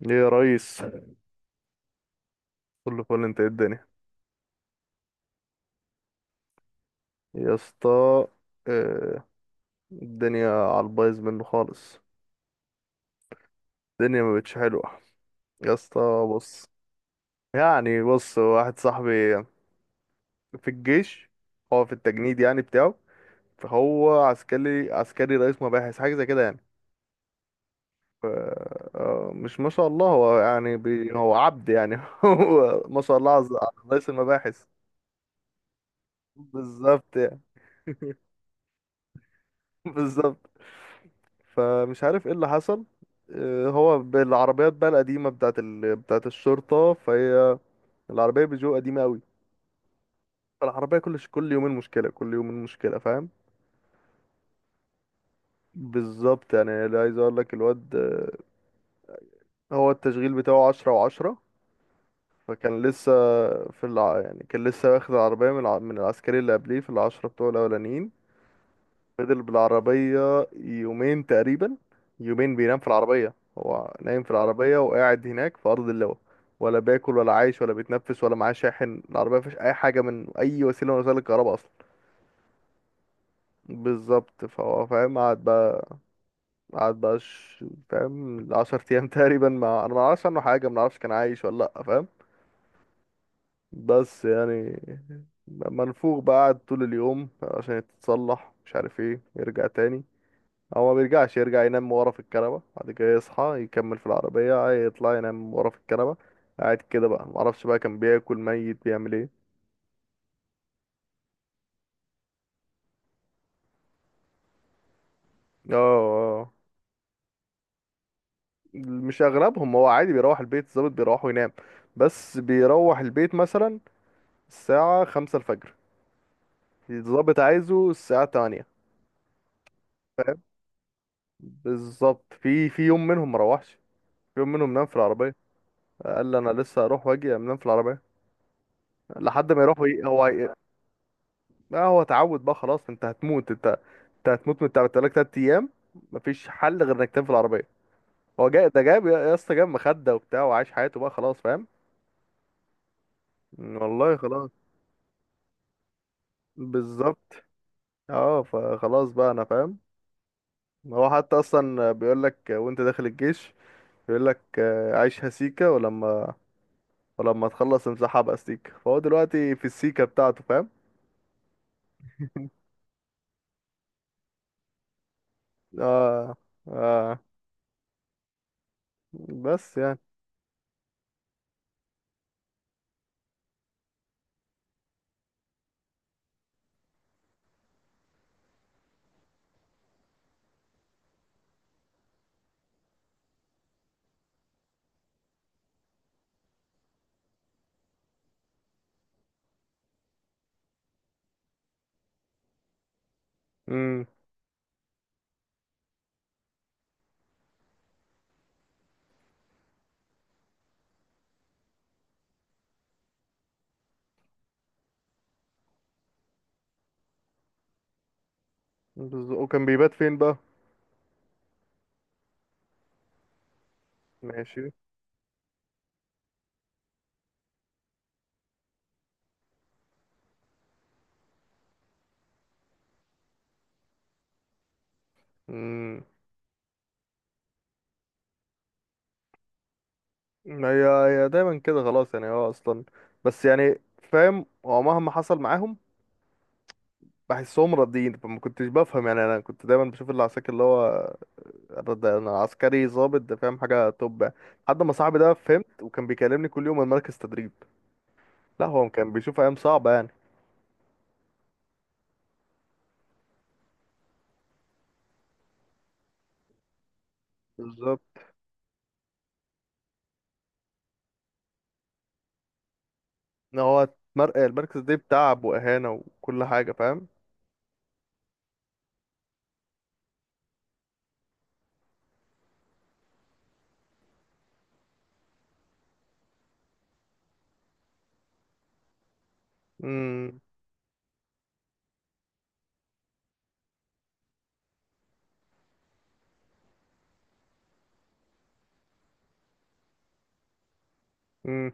ليه يا ريس؟ كله فل، انت ايه الدنيا؟ يا اسطى. اه، الدنيا على البايظ منه خالص. الدنيا ما بقتش حلوه يا اسطى. بص يعني، بص، واحد صاحبي في الجيش، هو في التجنيد يعني بتاعه. فهو عسكري رئيس مباحث، حاجه زي كده يعني. ف- اه، مش ما شاء الله، هو يعني هو عبد يعني. هو ما شاء الله على رئيس المباحث. بالظبط يعني. بالظبط. فمش عارف ايه اللي حصل. هو بالعربيات بقى القديمة بتاعت الشرطة، فهي العربية بيجو قديمة قوي. فالعربية كل يومين مشكلة، كل يومين مشكلة، فاهم. بالظبط يعني. لا، عايز اقول لك الواد هو التشغيل بتاعه عشرة وعشرة. فكان لسه يعني كان لسه واخد العربية من العسكري اللي قبليه في العشرة بتوعه الأولانيين. فضل بالعربية يومين تقريبا، يومين بينام في العربية، هو نايم في العربية وقاعد هناك في أرض اللواء. ولا باكل ولا عايش ولا بيتنفس، ولا معاه شاحن. العربية مفيهاش أي حاجة من أي وسيلة من وسائل الكهرباء أصلا. بالظبط، فهو فاهم. قعد بقى فاهم عشر أيام تقريبا. ما أنا معرفش عنه حاجة، منعرفش كان عايش ولا لأ، فاهم. بس يعني منفوخ بقى. قعد طول اليوم عشان يتصلح، مش عارف ايه، يرجع تاني. هو ما بيرجعش، يرجع ينام ورا في الكنبة، بعد كده يصحى يكمل في العربية، يطلع ينام ورا في الكنبة. قاعد كده بقى، معرفش بقى كان بياكل ميت، بيعمل ايه. اه، اه، مش اغلبهم، هو عادي بيروح البيت. الظابط بيروح وينام. بس بيروح البيت مثلا الساعة خمسة الفجر، الظابط عايزه الساعة تمانية، فاهم. بالظبط. في يوم منهم مروحش، في يوم منهم نام في العربية. قال لي انا لسه هروح واجي انام في العربية لحد ما يروح هو. ما هو تعود بقى خلاص. انت هتموت، انت هتموت من تعب لك تلات ايام. مفيش حل غير انك تنام في العربيه. هو جاي ده، جاب يا اسطى، جاب مخده وبتاع، وعايش حياته بقى خلاص، فاهم. والله خلاص. بالظبط. اه، فخلاص بقى انا فاهم. هو حتى اصلا بيقول لك وانت داخل الجيش، بيقول لك عيشها سيكه، ولما تخلص امسحها بقى سيكه. فهو دلوقتي في السيكه بتاعته، فاهم. اه، اه، بس يعني. امم وكان بيبات فين بقى؟ ماشي. امم. هي هي دايما كده خلاص يعني، هو اصلا. بس يعني فاهم، هو مهما حصل معاهم بحسهم راضيين. فما كنتش بفهم يعني. انا كنت دايما بشوف اللي عساكر اللي هو انا عسكري ضابط ده، فاهم حاجه توب. لحد ما صاحبي ده فهمت، وكان بيكلمني كل يوم من مركز تدريب. لا هو كان بيشوف ايام صعبه يعني. بالظبط. إن هو المركز ده تعب واهانه وكل حاجه، فاهم. امم، امم،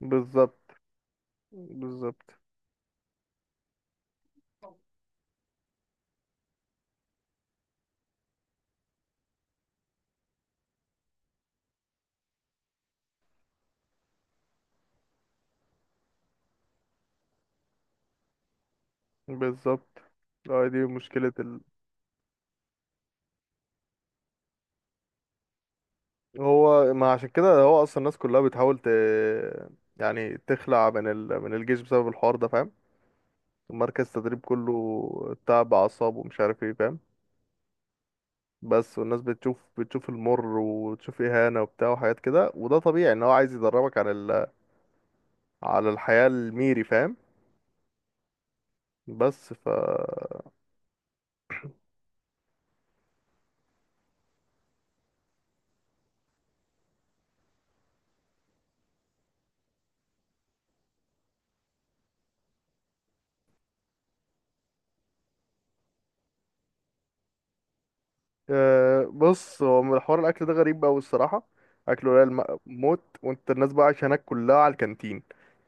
بالظبط. بالظبط. بالظبط. اه، دي مشكله. هو ما عشان كده هو اصلا الناس كلها بتحاول يعني تخلع من الجيش بسبب الحوار ده، فاهم. مركز التدريب كله تعب اعصاب ومش عارف ايه، فاهم. بس والناس بتشوف المر، وتشوف اهانه وبتاع وحاجات كده. وده طبيعي ان هو عايز يدربك على الحياه الميري، فاهم. بس ف أه بص، هو من حوار الاكل ده غريب قوي الصراحه. اكله قليل موت، وانت الناس بقى عايشه هناك كلها على الكانتين.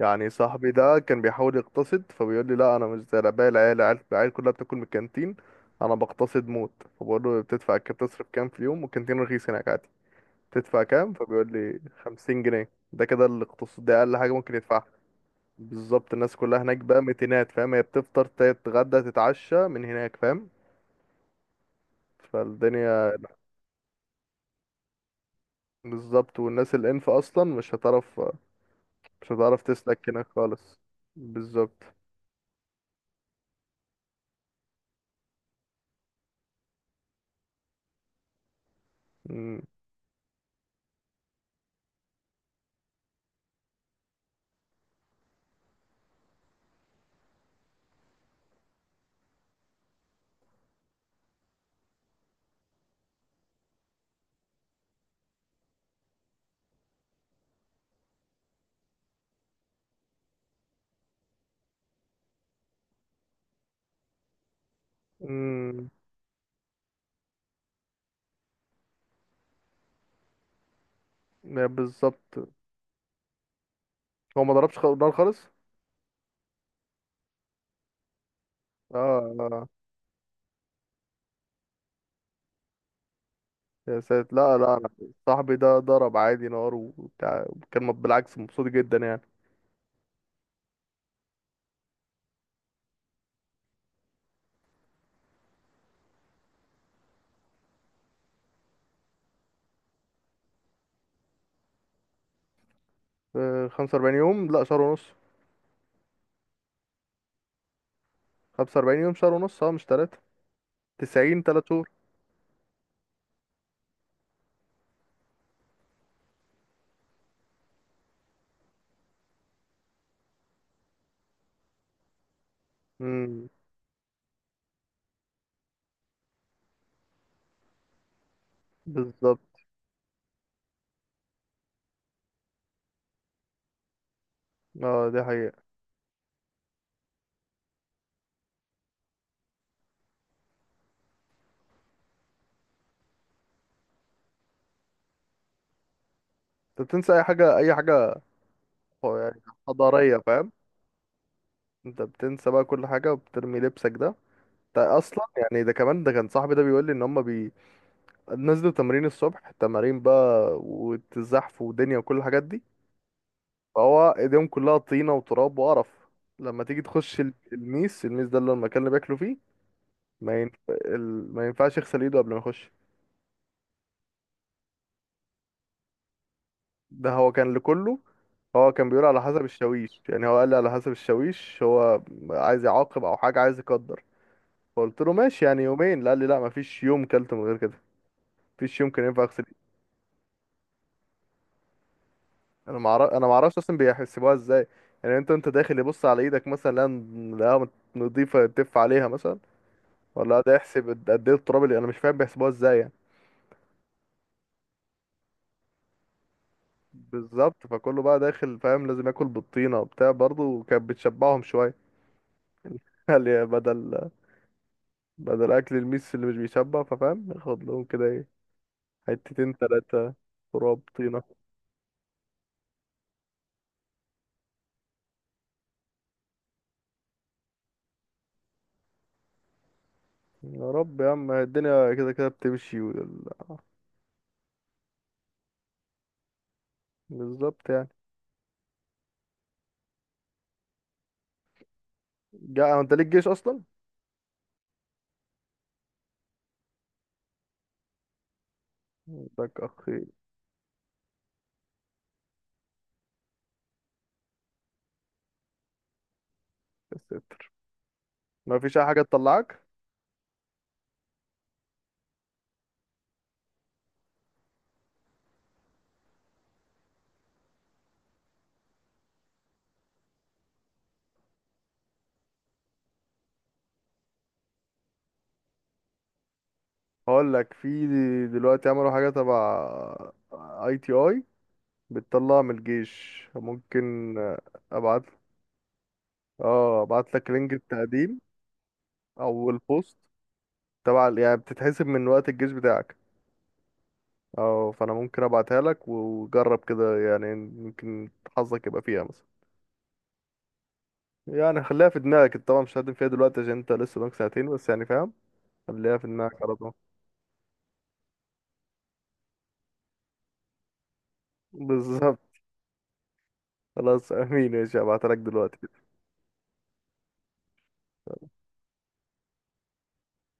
يعني صاحبي ده كان بيحاول يقتصد، فبيقول لي لا، انا مش زي باقي العيال. العيال كلها بتاكل من الكانتين، انا بقتصد موت. فبقول له بتدفع كام، بتصرف كام في اليوم؟ والكانتين رخيص هناك عادي. بتدفع كام؟ فبيقول لي 50 جنيه. ده كده الاقتصاد، ده اقل حاجه ممكن يدفعها. بالظبط. الناس كلها هناك بقى متينات، فاهم. هي بتفطر تتغدى تتعشى من هناك، فاهم. فالدنيا. بالظبط. والناس الانف اصلا مش هتعرف، مش هتعرف تسلك هناك خالص. بالظبط. مم. مم. يا بالظبط، هو ما ضربش نار خالص. اه. آه. يا ساتر، لا، لا، أنا. صاحبي ده ضرب عادي نار وبتاع، كان بالعكس مبسوط جدا يعني. 45 يوم. لا، شهر ونص. 45 يوم، شهر ونص، اه، مش تلاتة. 90، تلات شهور. امم. بالظبط. اه، دي حقيقة. انت بتنسى اي حاجة، اي حاجة يعني حضارية، فاهم. انت بتنسى بقى كل حاجة، وبترمي لبسك ده. ده اصلا يعني، ده كمان، ده كان صاحبي ده بيقول لي ان هم نزلوا تمرين الصبح، تمارين بقى والزحف ودنيا وكل الحاجات دي. فهو ايديهم كلها طينه وتراب وقرف. لما تيجي تخش الميس، الميس ده اللي هو المكان اللي بياكلوا فيه، ما ينفعش يغسل ايده قبل ما يخش. ده هو كان لكله. هو كان بيقول على حسب الشاويش. يعني هو قال لي على حسب الشاويش، هو عايز يعاقب او حاجه، عايز يقدر. فقلت له ماشي، يعني يومين؟ لا، قال لي لا، مفيش يوم كلت من غير كده، مفيش يوم كان ينفع اغسل. انا ما اعرفش اصلا بيحسبوها ازاي يعني. انت، انت داخل يبص على ايدك مثلا؟ لا، لا، نضيفه، تف عليها مثلا؟ ولا ده يحسب قد ايه التراب؟ اللي انا مش فاهم بيحسبوها ازاي يعني. بالظبط، فكله بقى داخل، فاهم، لازم ياكل بالطينه وبتاع. برضه كانت بتشبعهم شويه. قال يا بدل، اكل الميس اللي مش بيشبع، ففاهم ياخد لهم كده ايه، حتتين تلاتة، تراب طينه. يا رب. يا عم، الدنيا كده كده بتمشي بالظبط يعني. جا انت ليك جيش اصلا؟ لك اخي يا ستي. ما فيش اي حاجه تطلعك؟ هقول لك، في دلوقتي عملوا حاجه تبع ITI بتطلع من الجيش، ممكن. ابعت. اه، ابعت لك لينك التقديم او البوست تبع يعني بتتحسب من وقت الجيش بتاعك. اه، فانا ممكن ابعتها لك، وجرب كده، يعني ممكن حظك يبقى فيها مثلا. يعني خليها في دماغك. انت طبعا مش هتقدم فيها دلوقتي عشان انت لسه قدامك ساعتين، بس يعني فاهم، خليها في دماغك على طول. بالظبط. خلاص، امين. ماشي، هبعتها لك دلوقتي.